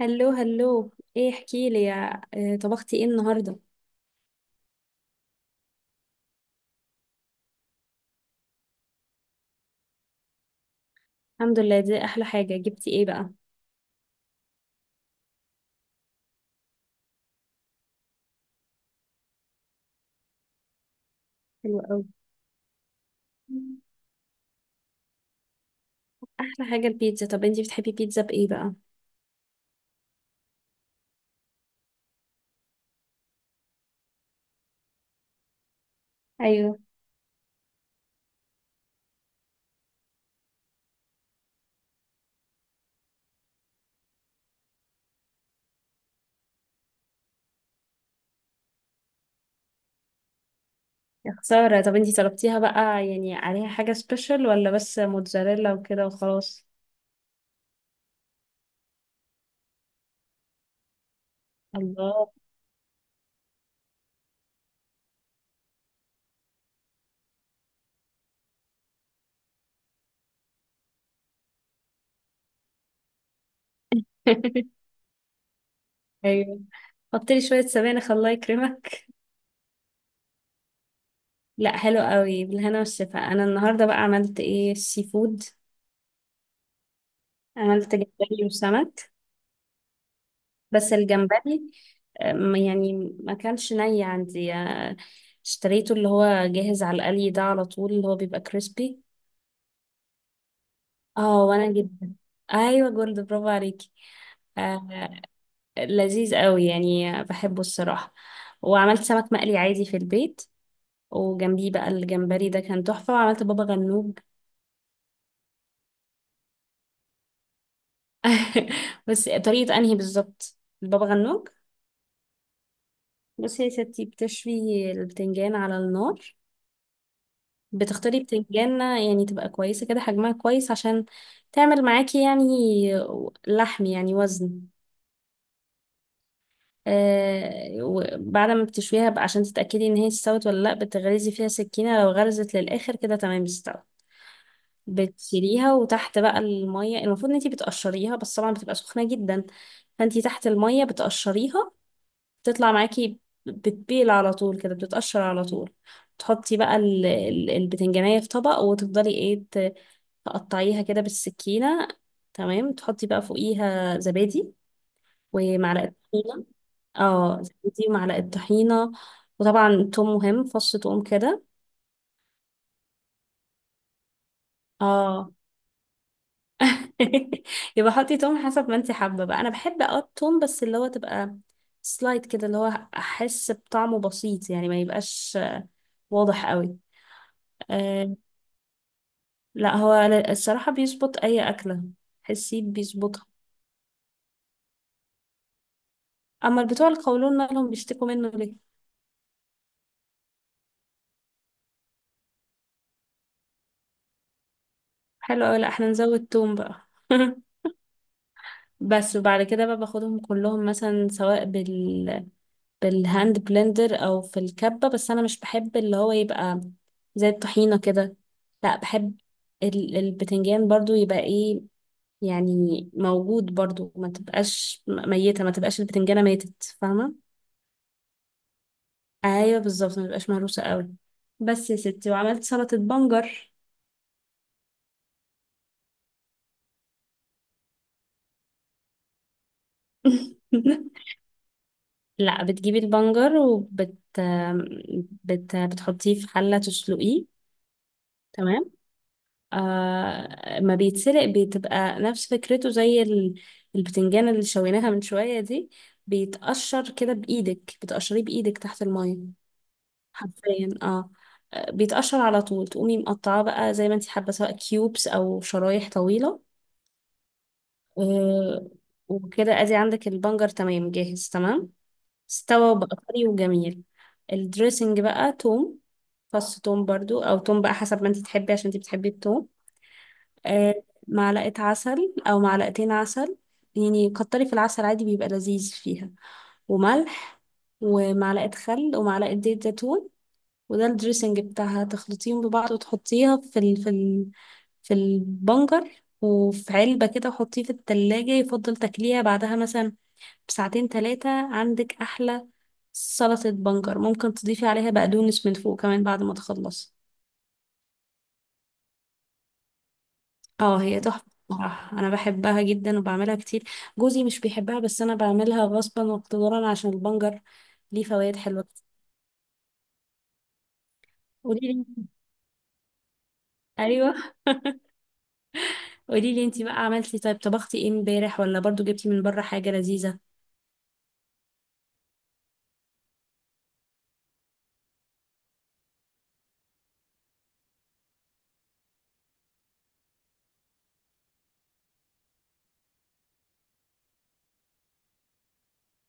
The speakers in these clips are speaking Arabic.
هلو هلو، ايه احكي لي يا، طبختي ايه النهارده؟ الحمد لله، دي احلى حاجه. جبتي ايه بقى؟ حلو قوي. احلى حاجه البيتزا. طب انتي بتحبي بيتزا بايه بقى؟ ايوه. يا خساره. طب انتي طلبتيها بقى، يعني عليها حاجه سبيشال، ولا بس موتزاريلا وكده وخلاص؟ الله. ايوه، حطي لي شويه سبانخ، الله يكرمك. لا، حلو قوي، بالهنا والشفا. انا النهارده بقى عملت ايه؟ سي فود. عملت جمبري وسمك. بس الجمبري، يعني ما كانش ني عندي، اشتريته اللي هو جاهز على القلي ده على طول، اللي هو بيبقى كريسبي. اه وانا جدا. ايوه جولد، برافو عليكي. آه. لذيذ قوي يعني، بحبه الصراحة. وعملت سمك مقلي عادي في البيت. وجنبيه بقى الجمبري ده كان تحفة. وعملت بابا غنوج. بس طريقة انهي بالظبط؟ البابا غنوج. بصي يا ستي، بتشوي البتنجان على النار. بتختاري بتنجانة يعني تبقى كويسة كده، حجمها كويس عشان تعمل معاكي يعني لحم، يعني وزن. وبعد ما بتشويها بقى، عشان تتأكدي ان هي استوت ولا لا، بتغرزي فيها سكينة. لو غرزت للآخر كده تمام، استوت. بتشيليها، وتحت بقى المية، المفروض ان انتي بتقشريها، بس طبعا بتبقى سخنة جدا. فانتي تحت المية بتقشريها، تطلع معاكي. بتبيل على طول كده، بتتقشر على طول. تحطي بقى البتنجانية في طبق، وتفضلي ايه، تقطعيها كده بالسكينة. تمام. تحطي بقى فوقيها زبادي، ومعلقة طحينة. اه، زبادي ومعلقة طحينة. وطبعا توم مهم، فص توم كده. اه. يبقى حطي توم حسب ما انت حابة. بقى انا بحب التوم، بس اللي هو تبقى سلايد كده، اللي هو احس بطعمه بسيط، يعني ما يبقاش واضح قوي. آه لا، هو الصراحة بيظبط اي اكلة، حسيت بيظبطها. اما بتوع القولون مالهم بيشتكوا منه ليه؟ حلو أوي. لأ، احنا نزود توم بقى. بس، وبعد كده بقى باخدهم كلهم مثلا، سواء بالهاند بلندر او في الكبة. بس انا مش بحب اللي هو يبقى زي الطحينة كده. لا، بحب البتنجان برضو يبقى ايه، يعني موجود برضو، ما تبقاش ميتة، ما تبقاش البتنجانة ماتت، فاهمة؟ ايوه، بالظبط، ما تبقاش مهروسة قوي. بس يا ستي. وعملت سلطة بنجر. لا، بتجيبي البنجر، بتحطيه في حلة تسلقيه. تمام. ما بيتسلق، بتبقى نفس فكرته زي البتنجان اللي شويناها من شوية دي. بيتقشر كده بإيدك، بتقشريه بإيدك تحت المية. حرفيا اه. بيتقشر على طول. تقومي مقطعاه بقى زي ما انت حابة، سواء كيوبس أو شرايح طويلة. آه وكده ادي عندك البنجر تمام، جاهز تمام، استوى بقى، طري وجميل. الدريسنج بقى توم، فص توم برضو او توم بقى حسب ما انت تحبي، عشان انت بتحبي التوم. آه معلقة عسل او معلقتين عسل، يعني كتري في العسل عادي، بيبقى لذيذ فيها. وملح، ومعلقة خل، ومعلقة زيت زيتون. وده الدريسنج بتاعها. تخلطيهم ببعض، وتحطيها في البنجر. وفي علبة كده، وحطيه في التلاجة. يفضل تاكليها بعدها مثلا بساعتين تلاتة، عندك أحلى سلطة بنجر. ممكن تضيفي عليها بقدونس من فوق كمان بعد ما تخلصي. اه، هي تحفة بصراحة، أنا بحبها جدا وبعملها كتير. جوزي مش بيحبها، بس أنا بعملها غصبا واقتدارا، عشان البنجر ليه فوائد حلوة كتير. قولي لي. أيوه. قولي لي أنتي بقى عملتي، طيب طبختي إيه امبارح، ولا برضو جبتي من بره حاجة لذيذة؟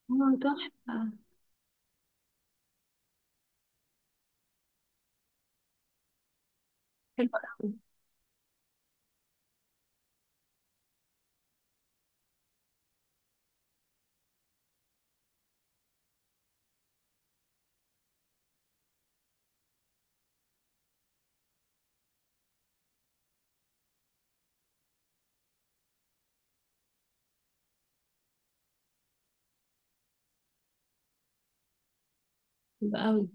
اه، تحفة. حلوة أوي. حلوة أوي.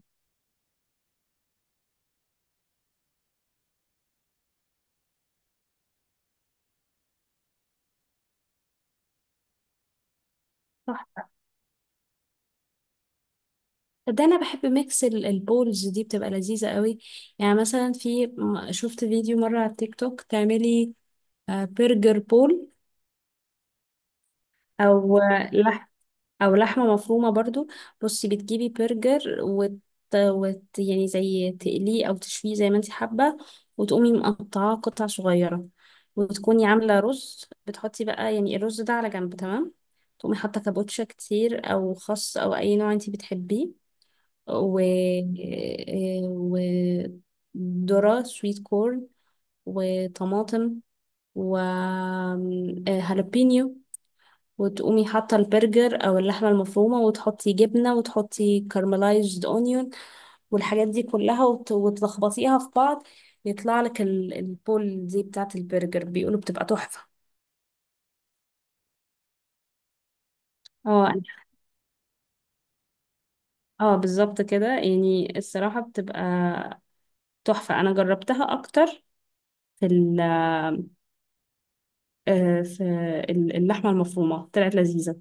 تحفة. ده انا بحب ميكس البولز دي، بتبقى لذيذة قوي. يعني مثلا شفت فيديو مرة على التيك توك، تعملي برجر بول، او آه، لح او لحمة مفرومة برضو. بصي، بتجيبي برجر، يعني زي تقليه او تشويه زي ما انت حابة، وتقومي مقطعاه قطع صغيرة. وتكوني عاملة رز، بتحطي بقى يعني الرز ده على جنب، تمام. تقومي حاطة كابوتشا كتير او خس او اي نوع انت بتحبيه، و وذرة سويت كورن، وطماطم، وهالبينيو. وتقومي حاطة البرجر أو اللحمة المفرومة، وتحطي جبنة، وتحطي كارملايزد أونيون، والحاجات دي كلها، وتلخبطيها في بعض. يطلع لك البول دي بتاعة البرجر، بيقولوا بتبقى تحفة. اه أنا- اه بالظبط كده يعني، الصراحة بتبقى تحفة، أنا جربتها أكتر في ال آه، في ال- اللحمة المفرومة، طلعت لذيذة.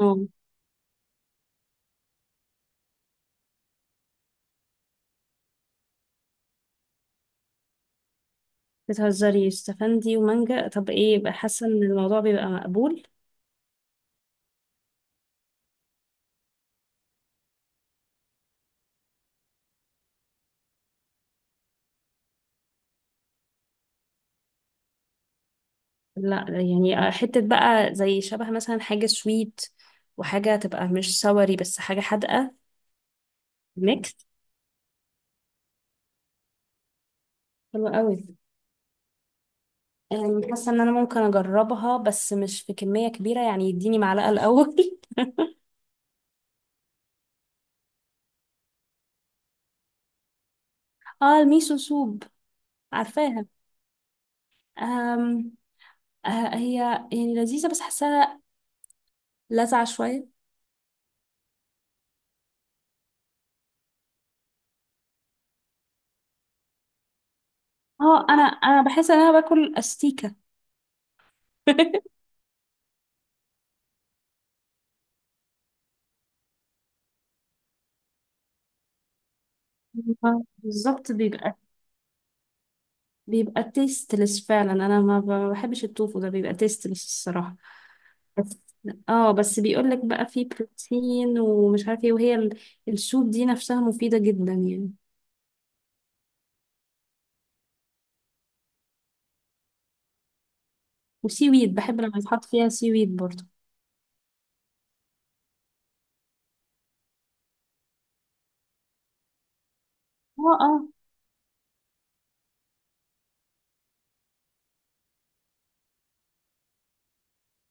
اه، بتهزري؟ استفندي ومانجا؟ طب ايه بقى، حاسة ان الموضوع بيبقى مقبول؟ لا يعني، حتة بقى زي شبه مثلا حاجة سويت، وحاجة تبقى مش سوري، بس حاجة حادقة. ميكس. حلو قوي. يعني حاسة ان انا ممكن اجربها، بس مش في كمية كبيرة، يعني يديني معلقة الاول. اه، الميسو سوب. عارفاها. أم... آه، هي يعني لذيذة، بس حاساها لاذعة شوية. اه، انا بحس ان انا باكل استيكه. بالظبط، بيبقى تيستلس فعلا. انا ما بحبش التوفو ده، بيبقى تيستلس الصراحه. بس. اه بس بيقول لك بقى فيه بروتين ومش عارف ايه، وهي السوب دي نفسها مفيده جدا يعني. وسي ويد، بحب لما يتحط فيها سي ويد برضه. اه، اه.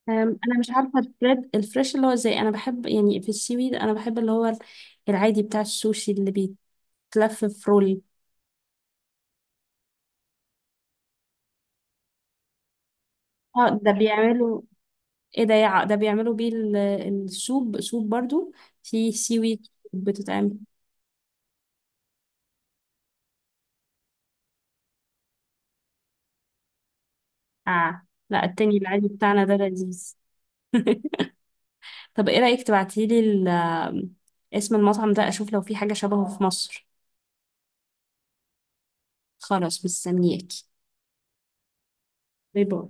أم، انا مش عارفه البريد الفريش، اللي هو زي، انا بحب يعني في السي ويد انا بحب اللي هو العادي بتاع السوشي اللي بيتلف في رول. اه ده بيعملوا ايه، ده بيعملوا بيه السوب سوب برضو في سيوي. بتتعمل. اه، لا، التاني العادي بتاعنا ده لذيذ. طب ايه رأيك تبعتيلي اسم المطعم ده، اشوف لو في حاجة شبهه في مصر. خلاص، مستنياكي. باي باي.